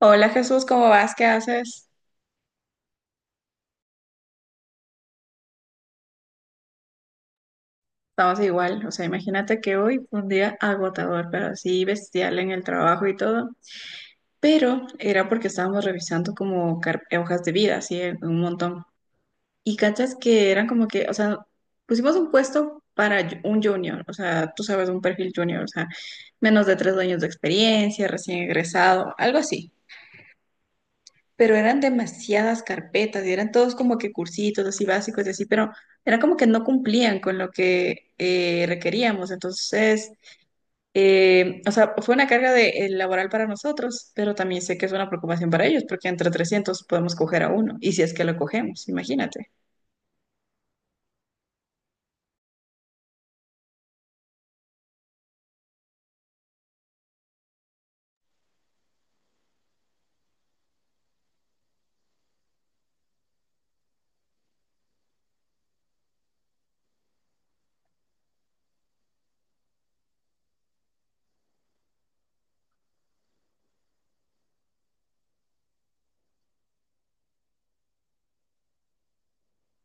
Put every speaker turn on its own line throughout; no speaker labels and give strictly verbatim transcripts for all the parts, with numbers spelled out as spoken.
Hola Jesús, ¿cómo vas? ¿Qué haces? Estamos igual, o sea, imagínate que hoy fue un día agotador, pero así bestial en el trabajo y todo. Pero era porque estábamos revisando como car- hojas de vida, así en- un montón. Y cachas que eran como que, o sea, pusimos un puesto para ju- un junior, o sea, tú sabes, un perfil junior, o sea, menos de tres años de experiencia, recién egresado, algo así. Pero eran demasiadas carpetas y eran todos como que cursitos así básicos y así, pero era como que no cumplían con lo que eh, requeríamos. Entonces, eh, o sea, fue una carga de, eh, laboral para nosotros, pero también sé que es una preocupación para ellos porque entre trescientos podemos coger a uno y si es que lo cogemos, imagínate.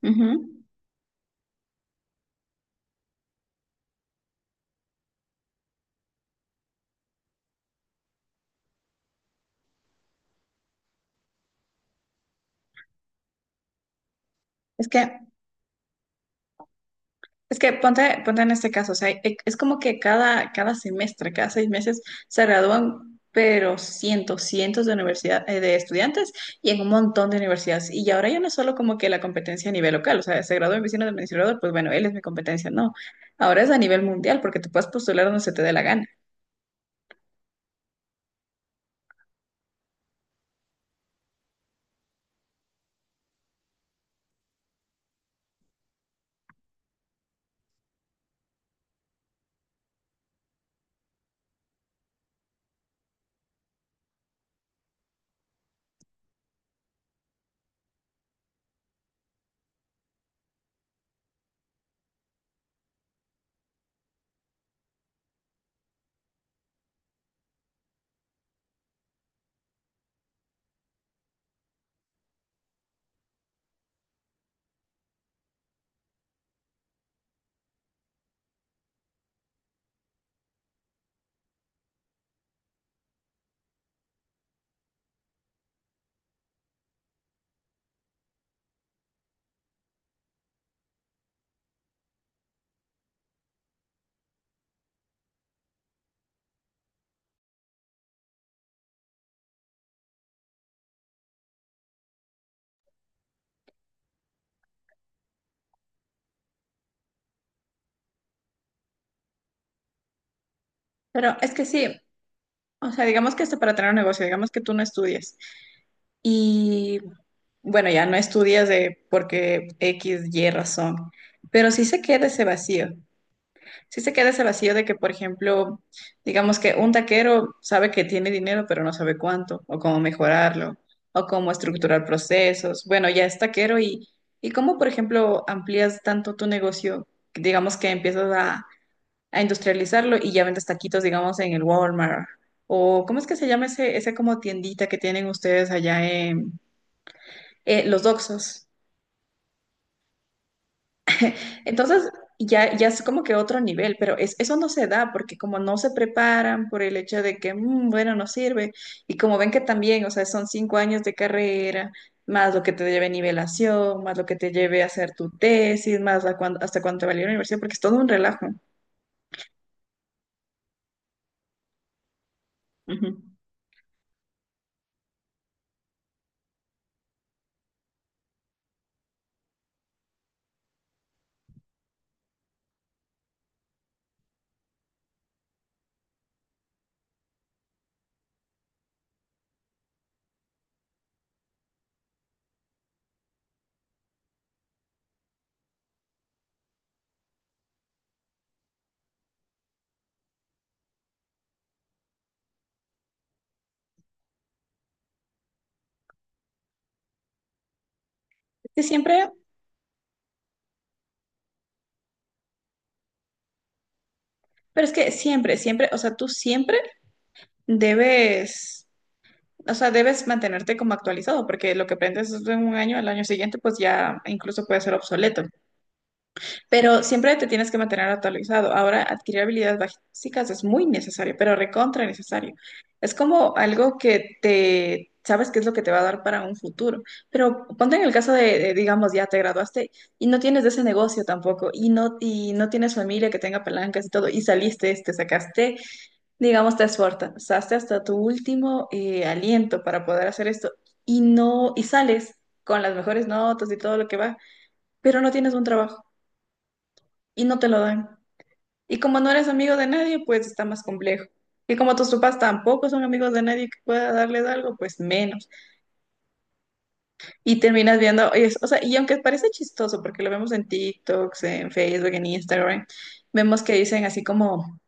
Ujú. Es que Es que ponte, ponte en este caso, o sea, e- es como que cada, cada semestre, cada seis meses se gradúan, pero cientos, cientos de universidad, eh, de estudiantes y en un montón de universidades. Y ahora ya no es solo como que la competencia a nivel local, o sea, se graduó mi vecino de administrador, pues bueno, él es mi competencia, no. Ahora es a nivel mundial porque te puedes postular donde se te dé la gana. Pero es que sí, o sea, digamos que hasta para tener un negocio, digamos que tú no estudias y bueno, ya no estudias de porque X, Y razón, pero sí se queda ese vacío. Sí se queda ese vacío de que, por ejemplo, digamos que un taquero sabe que tiene dinero, pero no sabe cuánto, o cómo mejorarlo, o cómo estructurar procesos. Bueno, ya es taquero y, y cómo, por ejemplo, amplías tanto tu negocio, digamos que empiezas a, a industrializarlo y ya vendes taquitos, digamos, en el Walmart. O, ¿cómo es que se llama ese, ese como tiendita que tienen ustedes allá en eh, los Doxos? Entonces, ya, ya es como que otro nivel, pero es, eso no se da porque como no se preparan por el hecho de que, "Mm, bueno, no sirve, y como ven que también, o sea, son cinco años de carrera, más lo que te lleve nivelación, más lo que te lleve a hacer tu tesis, más a cuan- hasta cuánto valió la universidad, porque es todo un relajo. Ujú. Que siempre, pero es que siempre, siempre, o sea, tú siempre debes, o sea, debes mantenerte como actualizado, porque lo que aprendes en un año, al año siguiente, pues ya incluso puede ser obsoleto. Pero siempre te tienes que mantener actualizado. Ahora, adquirir habilidades básicas es muy necesario, pero recontra necesario. Es como algo que te sabes qué es lo que te va a dar para un futuro. Pero ponte en el caso de, de, digamos, ya te graduaste y no tienes de ese negocio tampoco, y no, y no tienes familia que tenga palancas y todo, y saliste, te sacaste, digamos, te esforzaste hasta tu último eh, aliento para poder hacer esto, y no, y sales con las mejores notas y todo lo que va, pero no tienes un trabajo y no te lo dan. Y como no eres amigo de nadie, pues está más complejo. Y como tus papás tampoco son amigos de nadie que pueda darles algo, pues menos. Y terminas viendo, es- o sea, y aunque parece chistoso, porque lo vemos en TikToks, en Facebook, en Instagram, vemos que dicen así como,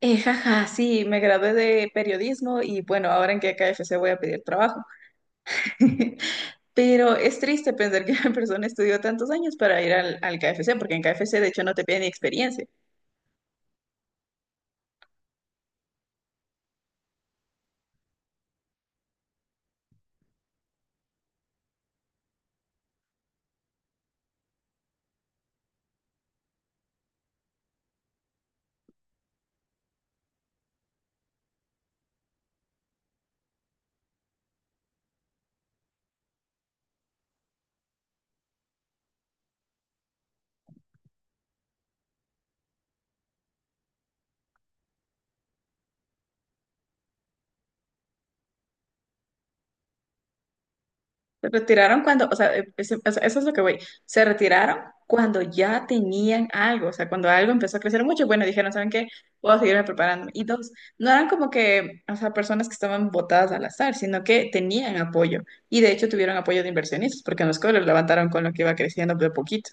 eh, jaja, sí, me gradué de periodismo y bueno, ahora en qué K F C voy a pedir trabajo. Pero es triste pensar que una persona estudió tantos años para ir al, al K F C, porque en K F C de hecho no te piden ni experiencia. Se retiraron cuando, o sea, eh, ese- eso es lo que voy. Se retiraron cuando ya tenían algo, o sea, cuando algo empezó a crecer mucho, bueno, dijeron, ¿saben qué? Puedo seguirme preparando. Y dos, no eran como que, o sea, personas que estaban botadas al azar, sino que tenían apoyo. Y de hecho tuvieron apoyo de inversionistas, porque en los colegios levantaron con lo que iba creciendo de a poquito.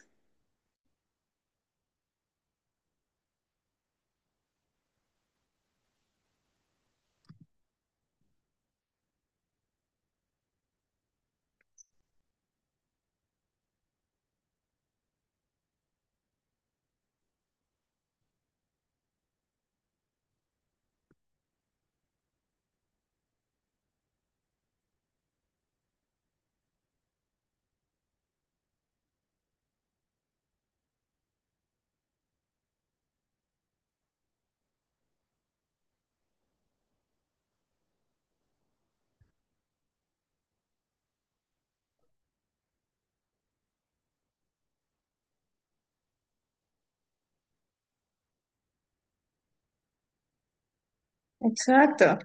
Exacto.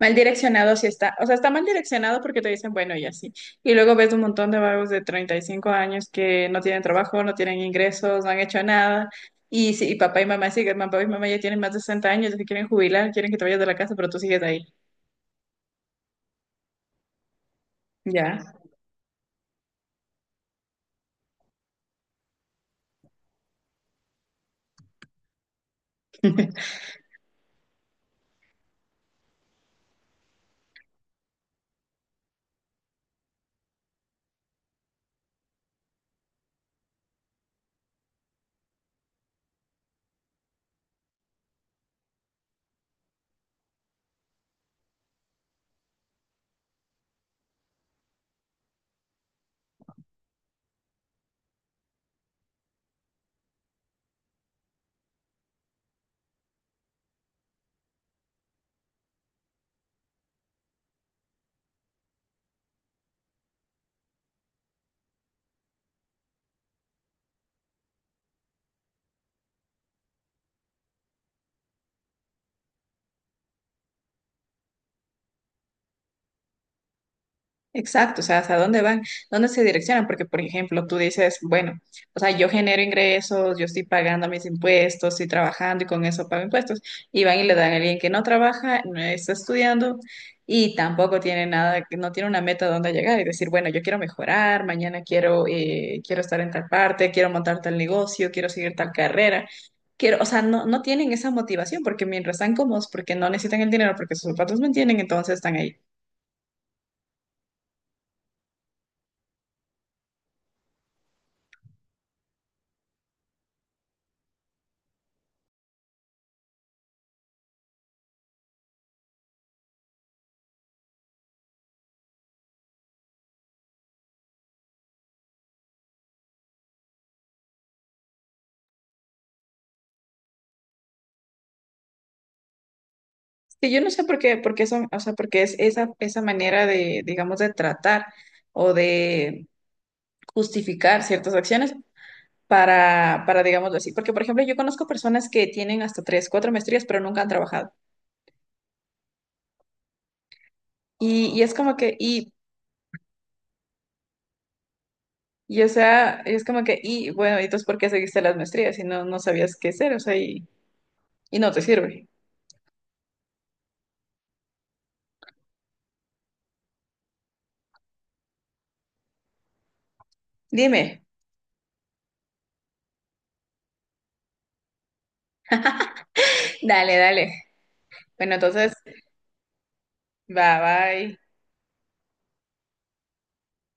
Mal direccionado sí está, o sea, está mal direccionado porque te dicen, bueno, y así. Y luego ves un montón de vagos de treinta y cinco años que no tienen trabajo, no tienen ingresos, no han hecho nada. Y, sí, y papá y mamá siguen, papá y mamá ya tienen más de sesenta años, ya se quieren jubilar, quieren que te vayas de la casa, pero tú sigues ahí. Ya. Exacto, o sea, ¿hasta dónde van? ¿Dónde se direccionan? Porque, por ejemplo, tú dices, bueno, o sea, yo genero ingresos, yo estoy pagando mis impuestos, estoy trabajando y con eso pago impuestos. Y van y le dan a alguien que no trabaja, no está estudiando y tampoco tiene nada, no tiene una meta donde llegar y decir, bueno, yo quiero mejorar, mañana quiero, eh, quiero estar en tal parte, quiero montar tal negocio, quiero seguir tal carrera. Quiero, o sea, no, no tienen esa motivación porque mientras están cómodos, porque no necesitan el dinero, porque sus zapatos mantienen, entonces están ahí. Sí, yo no sé por qué, porque eso, o sea, porque es esa, esa manera de, digamos, de tratar o de justificar ciertas acciones para, para, digámoslo así. Porque, por ejemplo, yo conozco personas que tienen hasta tres, cuatro maestrías, pero nunca han trabajado. Y, y es como que, y, y o sea, es como que, y bueno, ¿y entonces por qué seguiste las maestrías si no, no sabías qué hacer? O sea, y, y no te sirve. Dime. Dale, dale. Bueno, entonces, bye bye.